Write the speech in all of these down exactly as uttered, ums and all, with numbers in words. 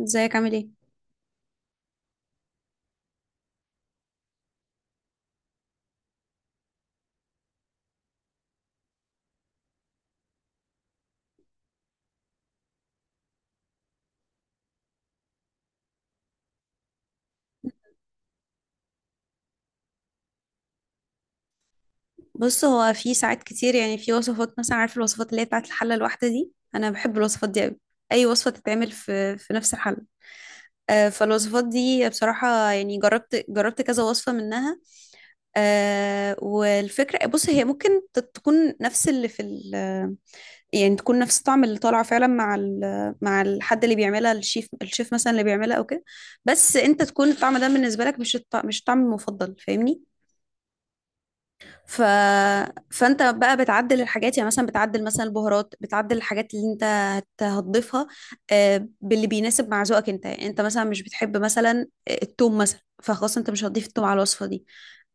ازيك عامل ايه؟ بص، هو في ساعات كتير يعني في وصفات مثلا، عارف الوصفات اللي هي بتاعت الحله الواحده دي؟ انا بحب الوصفات دي قوي. اي وصفه تتعمل في في نفس الحله. آه، فالوصفات دي بصراحه يعني جربت جربت كذا وصفه منها. آه، والفكره، بص، هي ممكن ت- تكون نفس اللي في ال... يعني تكون نفس الطعم اللي طالع فعلا مع ال... مع الحد اللي بيعملها، الشيف الشيف مثلا اللي بيعملها او كده. بس انت تكون الطعم ده بالنسبه لك مش الط- مش الطعم المفضل، فاهمني؟ ف... فانت بقى بتعدل الحاجات، يعني مثلا بتعدل مثلا البهارات، بتعدل الحاجات اللي انت هت... هتضيفها، آه، باللي بيناسب مع ذوقك انت. يعني انت مثلا مش بتحب مثلا التوم مثلا، فخلاص انت مش هتضيف التوم على الوصفة دي.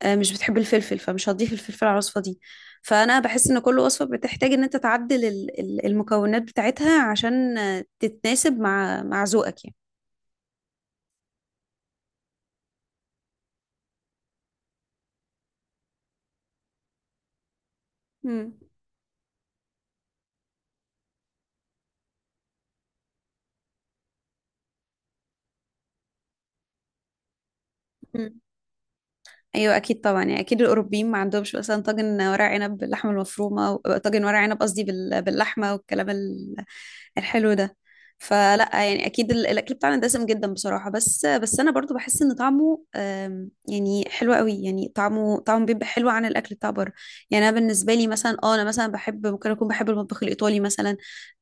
آه، مش بتحب الفلفل، فمش هتضيف الفلفل على الوصفة دي. فانا بحس ان كل وصفة بتحتاج ان انت تعدل ال- ال- المكونات بتاعتها عشان آه، تتناسب مع مع ذوقك يعني. مم. ايوه اكيد طبعا، يعني اكيد الاوروبيين ما عندهمش مثلا طاجن ورق عنب باللحمه المفرومه و- طاجن ورق عنب، قصدي بال- باللحمه والكلام ال- الحلو ده. فلا يعني اكيد ال- الاكل بتاعنا دسم جدا بصراحه، بس بس انا برضو بحس ان طعمه آم، يعني حلو قوي، يعني طعمه طعمه بيبقى حلو عن الاكل بتاع بره. يعني انا بالنسبه لي مثلا، اه انا مثلا بحب، ممكن اكون بحب المطبخ الايطالي مثلا.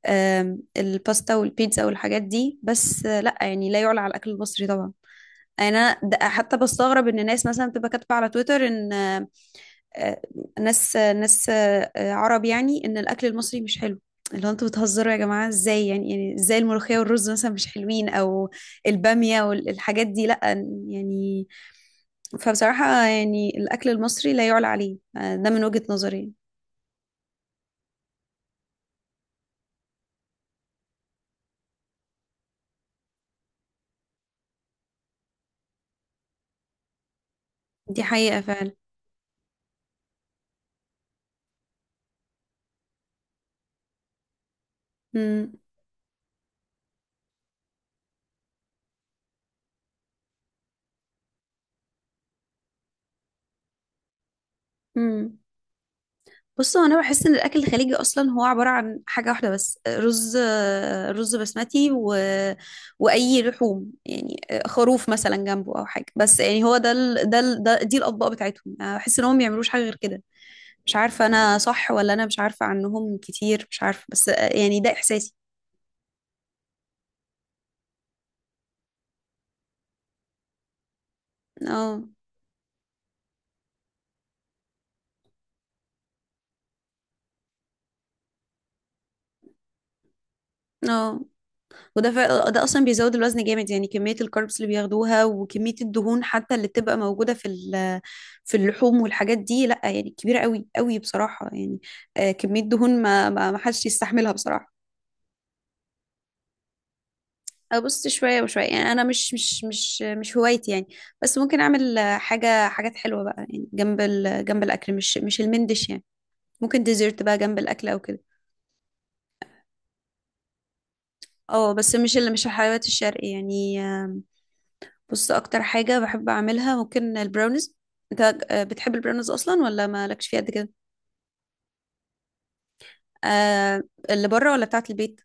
آم، الباستا والبيتزا والحاجات دي، بس آه، لا يعني لا يعلى على الاكل المصري طبعا. انا د- حتى بستغرب ان ناس مثلا بتبقى كاتبه على تويتر ان آه، آه، ناس آه، ناس آه، آه، عرب، يعني ان الاكل المصري مش حلو. اللي هو انتوا بتهزروا يا جماعه؟ ازاي يعني؟ يعني ازاي الملوخيه والرز مثلا مش حلوين؟ او الباميه والحاجات دي؟ لا يعني. فبصراحه يعني الاكل المصري لا يعلى عليه، آه، ده من وجهه نظري. دي حقيقه فعلا. امم. بص، هو انا بحس ان الاكل الخليجي اصلا هو عباره عن حاجه واحده بس، رز. رز بسمتي و... واي لحوم يعني، خروف مثلا جنبه او حاجه، بس يعني هو ده ال... ده ال... ده دي الاطباق بتاعتهم. أنا بحس ان هم ما بيعملوش حاجه غير كده. مش عارفه انا صح؟ ولا انا مش عارفه عنهم كتير، مش عارفه، بس يعني ده احساسي. اه. اه، وده ف... ده اصلا بيزود الوزن جامد، يعني كميه الكاربس اللي بياخدوها وكميه الدهون حتى اللي بتبقى موجوده في ال... في اللحوم والحاجات دي، لا يعني كبيره قوي قوي بصراحه يعني. آه، كميه دهون ما ما ما حدش يستحملها بصراحه. ابص، شويه وشويه يعني، انا مش مش مش مش هوايتي يعني. بس ممكن اعمل، آه، حاجه، حاجات حلوه بقى يعني جنب ال... جنب الاكل، مش مش المندش يعني. ممكن ديزرت بقى جنب الاكل او كده. اه، بس مش اللي، مش الحلويات الشرقي يعني. بص، اكتر حاجة بحب اعملها ممكن البراونيز. انت آه، بتحب البراونيز اصلا ولا مالكش فيها قد كده؟ آه. اللي بره ولا بتاعت البيت؟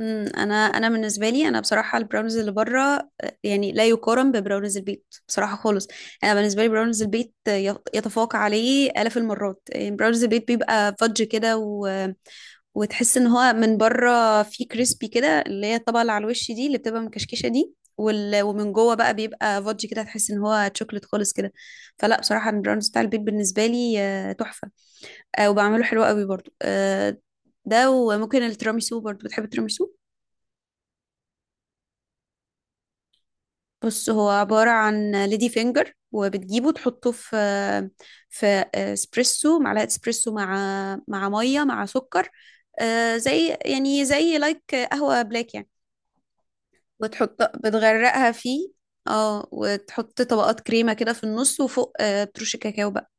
امم، انا انا بالنسبه لي، انا بصراحه البراونيز اللي بره، آه، يعني لا يقارن ببراونيز البيت بصراحه خالص. انا بالنسبه لي براونيز البيت، آه، يت- يتفوق عليه آلاف المرات. يعني براونيز البيت بيبقى فudge كده، وتحس ان هو من بره فيه كريسبي كده، اللي هي الطبقه اللي على الوش دي اللي بتبقى مكشكشه دي، وال... ومن جوه بقى بيبقى فودجي كده، تحس ان هو تشوكلت خالص كده. فلا بصراحه البراونيز بتاع البيت بالنسبه لي، آه، تحفه. آه، وبعمله حلو قوي برضو. آه، ده، وممكن التيراميسو برضو. بتحب التيراميسو؟ بص، هو عبارة عن ليدي فينجر، وبتجيبه تحطه في في اسبريسو، معلقة اسبريسو مع مع مية مع سكر. آه، زي يعني زي لايك قهوة بلاك يعني. وتحط، بتغرقها فيه. اه، وتحط طبقات كريمة كده في النص وفوق، آه، ترش كاكاو بقى.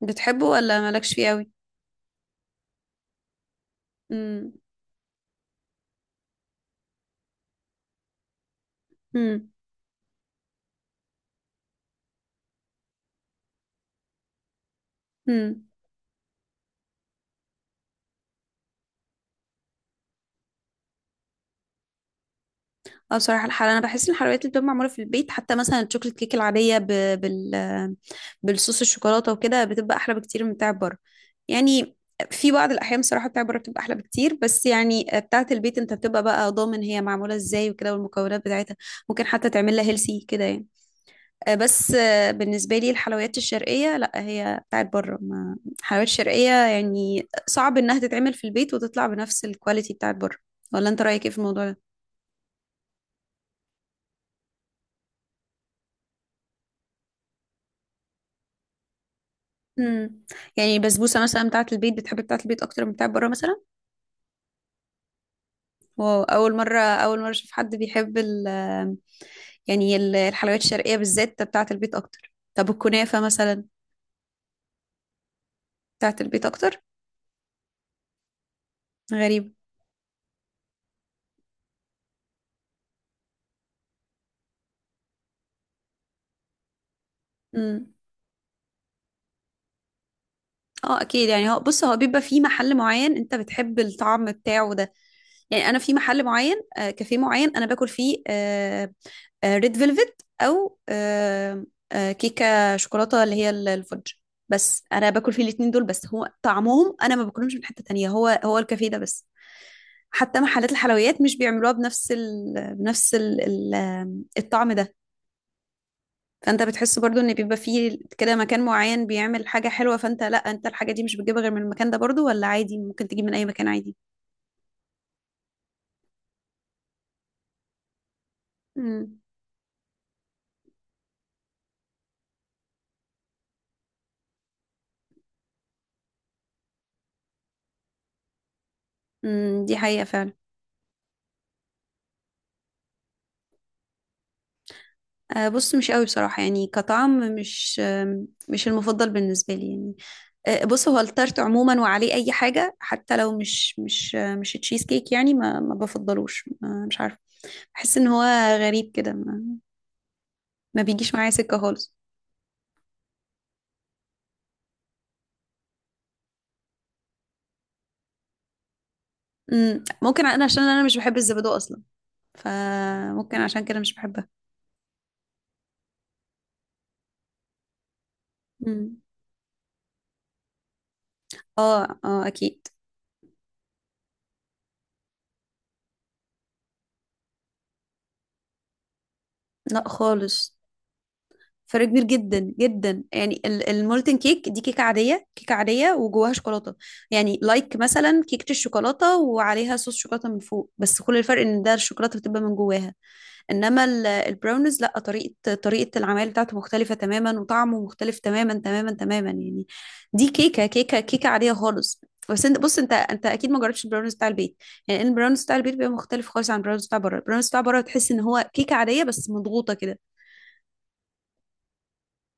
بتحبه ولا مالكش فيه قوي؟ امم. امم. امم. اه، بصراحة الحلويات انا بحس ان الحلويات اللي بتبقى معمولة في البيت، حتى مثلا الشوكليت كيك العادية، ب... بال بالصوص الشوكولاتة وكده، بتبقى احلى بكتير من بتاع بره يعني. في بعض الاحيان بصراحة بتاع بره بتبقى احلى بكتير، بس يعني آه، بتاعة البيت، انت بتبقى بقى ضامن هي معمولة ازاي وكده، والمكونات بتاعتها، ممكن حتى تعمل لها هيلسي كده يعني. آه، بس آه، بالنسبة لي الحلويات الشرقية، لا، هي بتاعت بره، ما الحلويات الشرقية يعني صعب انها تتعمل في البيت وتطلع بنفس الكواليتي بتاعت بره. ولا انت رأيك ايه في الموضوع ده؟ امم. يعني البسبوسة مثلا بتاعت البيت، بتحب بتاعت البيت اكتر من بتاعت بره مثلا؟ واو، اول مرة اول مرة اشوف حد بيحب ال... يعني ال- الحلويات الشرقية بالذات بتاعت البيت اكتر. طب الكنافة مثلا؟ بتاعت البيت اكتر؟ غريب. امم. اه اكيد يعني، هو بص، هو بيبقى في محل معين انت بتحب الطعم بتاعه ده يعني. انا في محل معين، آه، كافيه معين انا باكل فيه ريد فيلفت او آه، آه، كيكه شوكولاته اللي هي ال- الفudge، بس انا باكل فيه الاتنين دول بس. هو طعمهم انا ما باكلهمش من حته تانية، هو هو الكافيه ده بس. حتى محلات الحلويات مش بيعملوها بنفس ال... بنفس ال... ال... الطعم ده. فانت بتحس برضو ان بيبقى فيه كده مكان معين بيعمل حاجة حلوة، فانت لا، انت الحاجة دي مش بتجيبها غير من المكان ده؟ برضو، ولا عادي ممكن تجيب من اي مكان عادي؟ امم. أمم، دي حقيقة فعلا. آه، بص، مش قوي بصراحة يعني، كطعم مش، آم، مش المفضل بالنسبة لي يعني. آه، بص، هو التارت عموما وعليه أي حاجة، حتى لو مش مش آه، مش تشيز كيك يعني، ما ما بفضلوش، ما مش عارفة. بحس إن هو غريب كده، ما, ما بيجيش معايا سكة خالص. مم، ممكن أنا عشان أنا مش بحب الزبادو أصلا، فممكن عشان كده مش بحبها. مم. اه، اه أكيد. لا خالص، فرق كبير جدا جدا. يعني ال- المولتن كيك دي كيكة عادية، كيكة عادية وجواها شوكولاتة. يعني لايك مثلا كيكة الشوكولاتة وعليها صوص شوكولاتة من فوق، بس كل الفرق ان ده الشوكولاتة بتبقى من جواها. انما ال- البراونيز لا، طريقة طريقة العمل بتاعته مختلفة تماما، وطعمه مختلف تماما تماما تماما يعني. دي كيكة كيكة كيكة عادية خالص. بس انت، بص، انت انت اكيد ما جربتش البراونيز بتاع البيت. يعني البراونيز بتاع البيت بيبقى مختلف خالص عن البراونيز بتاع بره. البراونيز بتاع بره تحس ان هو كيكة عادية بس مضغوطة كده.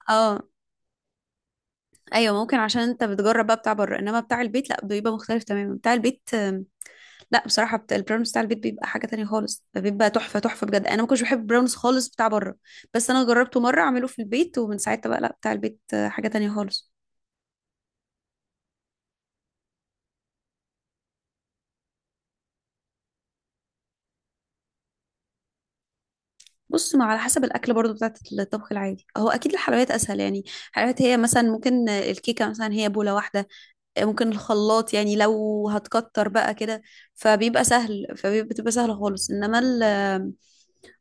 اه. ايوه، ممكن عشان انت بتجرب بقى بتاع بره، انما بتاع البيت لا، بيبقى مختلف تماما. بتاع البيت، آم، لا بصراحه بتاع البراونس بتاع البيت بيبقى حاجه تانية خالص، بيبقى تحفه تحفه بجد. انا ما كنتش بحب البراونس خالص بتاع بره، بس انا جربته مره اعمله في البيت، ومن ساعتها بقى لا، بتاع البيت آه، حاجه تانية خالص. بص، ما على حسب الاكل برضو بتاعت الطبخ العادي، هو اكيد الحلويات اسهل يعني. الحلويات هي مثلا ممكن، آه، الكيكه مثلا هي بوله واحده، آه، ممكن الخلاط يعني لو هتكتر بقى كده، فبيبقى سهل، فبتبقى سهله خالص. انما ال...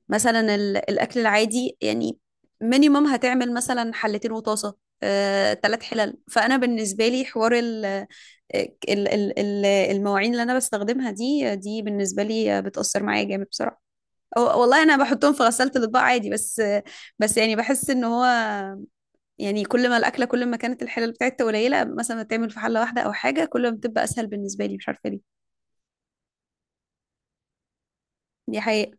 مثلا ال- الاكل العادي يعني، مينيمم هتعمل مثلا حلتين وطاسه، آه، تلات حلل. فانا بالنسبه لي حوار ال... ال- ال- ال- المواعين اللي انا بستخدمها دي، دي بالنسبه لي بتاثر معايا جامد بصراحه. أو- والله انا بحطهم في غساله الاطباق عادي، بس بس يعني بحس ان هو، يعني كل ما الاكله، كل ما كانت الحلل بتاعتها قليله، مثلا بتعمل في حله واحده او حاجه، كل ما بتبقى اسهل بالنسبه لي، مش عارفه ليه. دي حقيقه.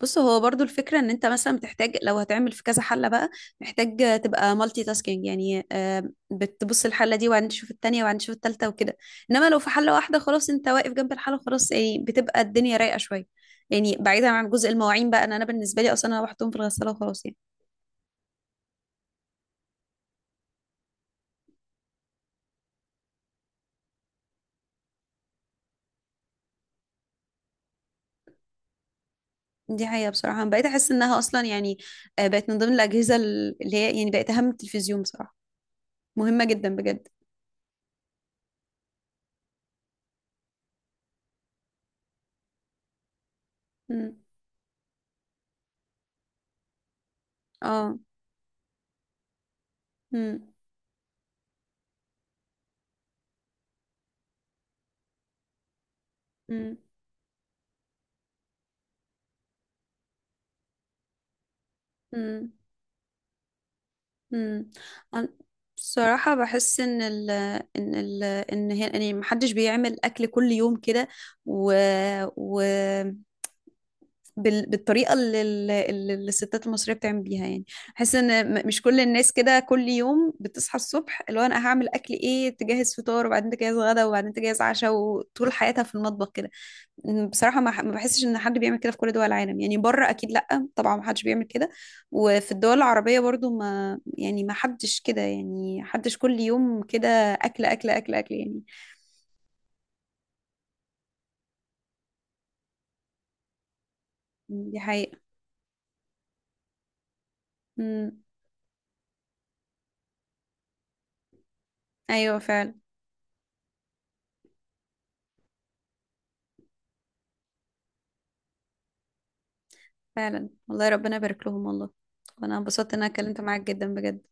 بص، هو برضو الفكرة ان انت مثلا بتحتاج، لو هتعمل في كذا حلة بقى، محتاج تبقى مالتي تاسكينج يعني. آه، بتبص الحلة دي، وبعدين تشوف التانية، وبعدين تشوف التالتة وكده. انما لو في حلة واحدة خلاص، انت واقف جنب الحلة خلاص، يعني بتبقى الدنيا رايقة شوية. يعني بعيدا عن جزء المواعين بقى، انا انا بالنسبة لي اصلا انا بحطهم في الغسالة وخلاص يعني. دي حقيقة بصراحة، أنا بقيت احس انها اصلا يعني، آه، بقت من ضمن الأجهزة اللي هي يعني بقت اهم من التلفزيون بصراحة، مهمة جدا بجد. مم. اه. مم. مم. مم. امم. أنا بصراحة بحس ان ال... ان ال ان هي يعني محدش بيعمل اكل كل يوم كده، و, و بال بالطريقة اللي, ال- اللي الستات المصرية بتعمل بيها يعني. بحس ان م- مش كل الناس كده كل يوم بتصحى الصبح اللي هو انا هعمل اكل ايه، تجهز فطار، وبعدين تجهز غدا، وبعدين تجهز عشاء، وطول حياتها في المطبخ كده. بصراحة ما ح- ما بحسش ان حد بيعمل كده في كل دول العالم يعني، بره اكيد لا طبعا، ما حدش بيعمل كده. وفي الدول العربية برضو ما يعني، ما حدش كده يعني، حدش كل يوم كده، اكل اكل اكل اكل يعني. دي حقيقة. امم. ايوه فعلا. فعلا والله، ربنا يبارك لهم والله. وانا انبسطت ان انا اتكلمت معاك جدا بجد.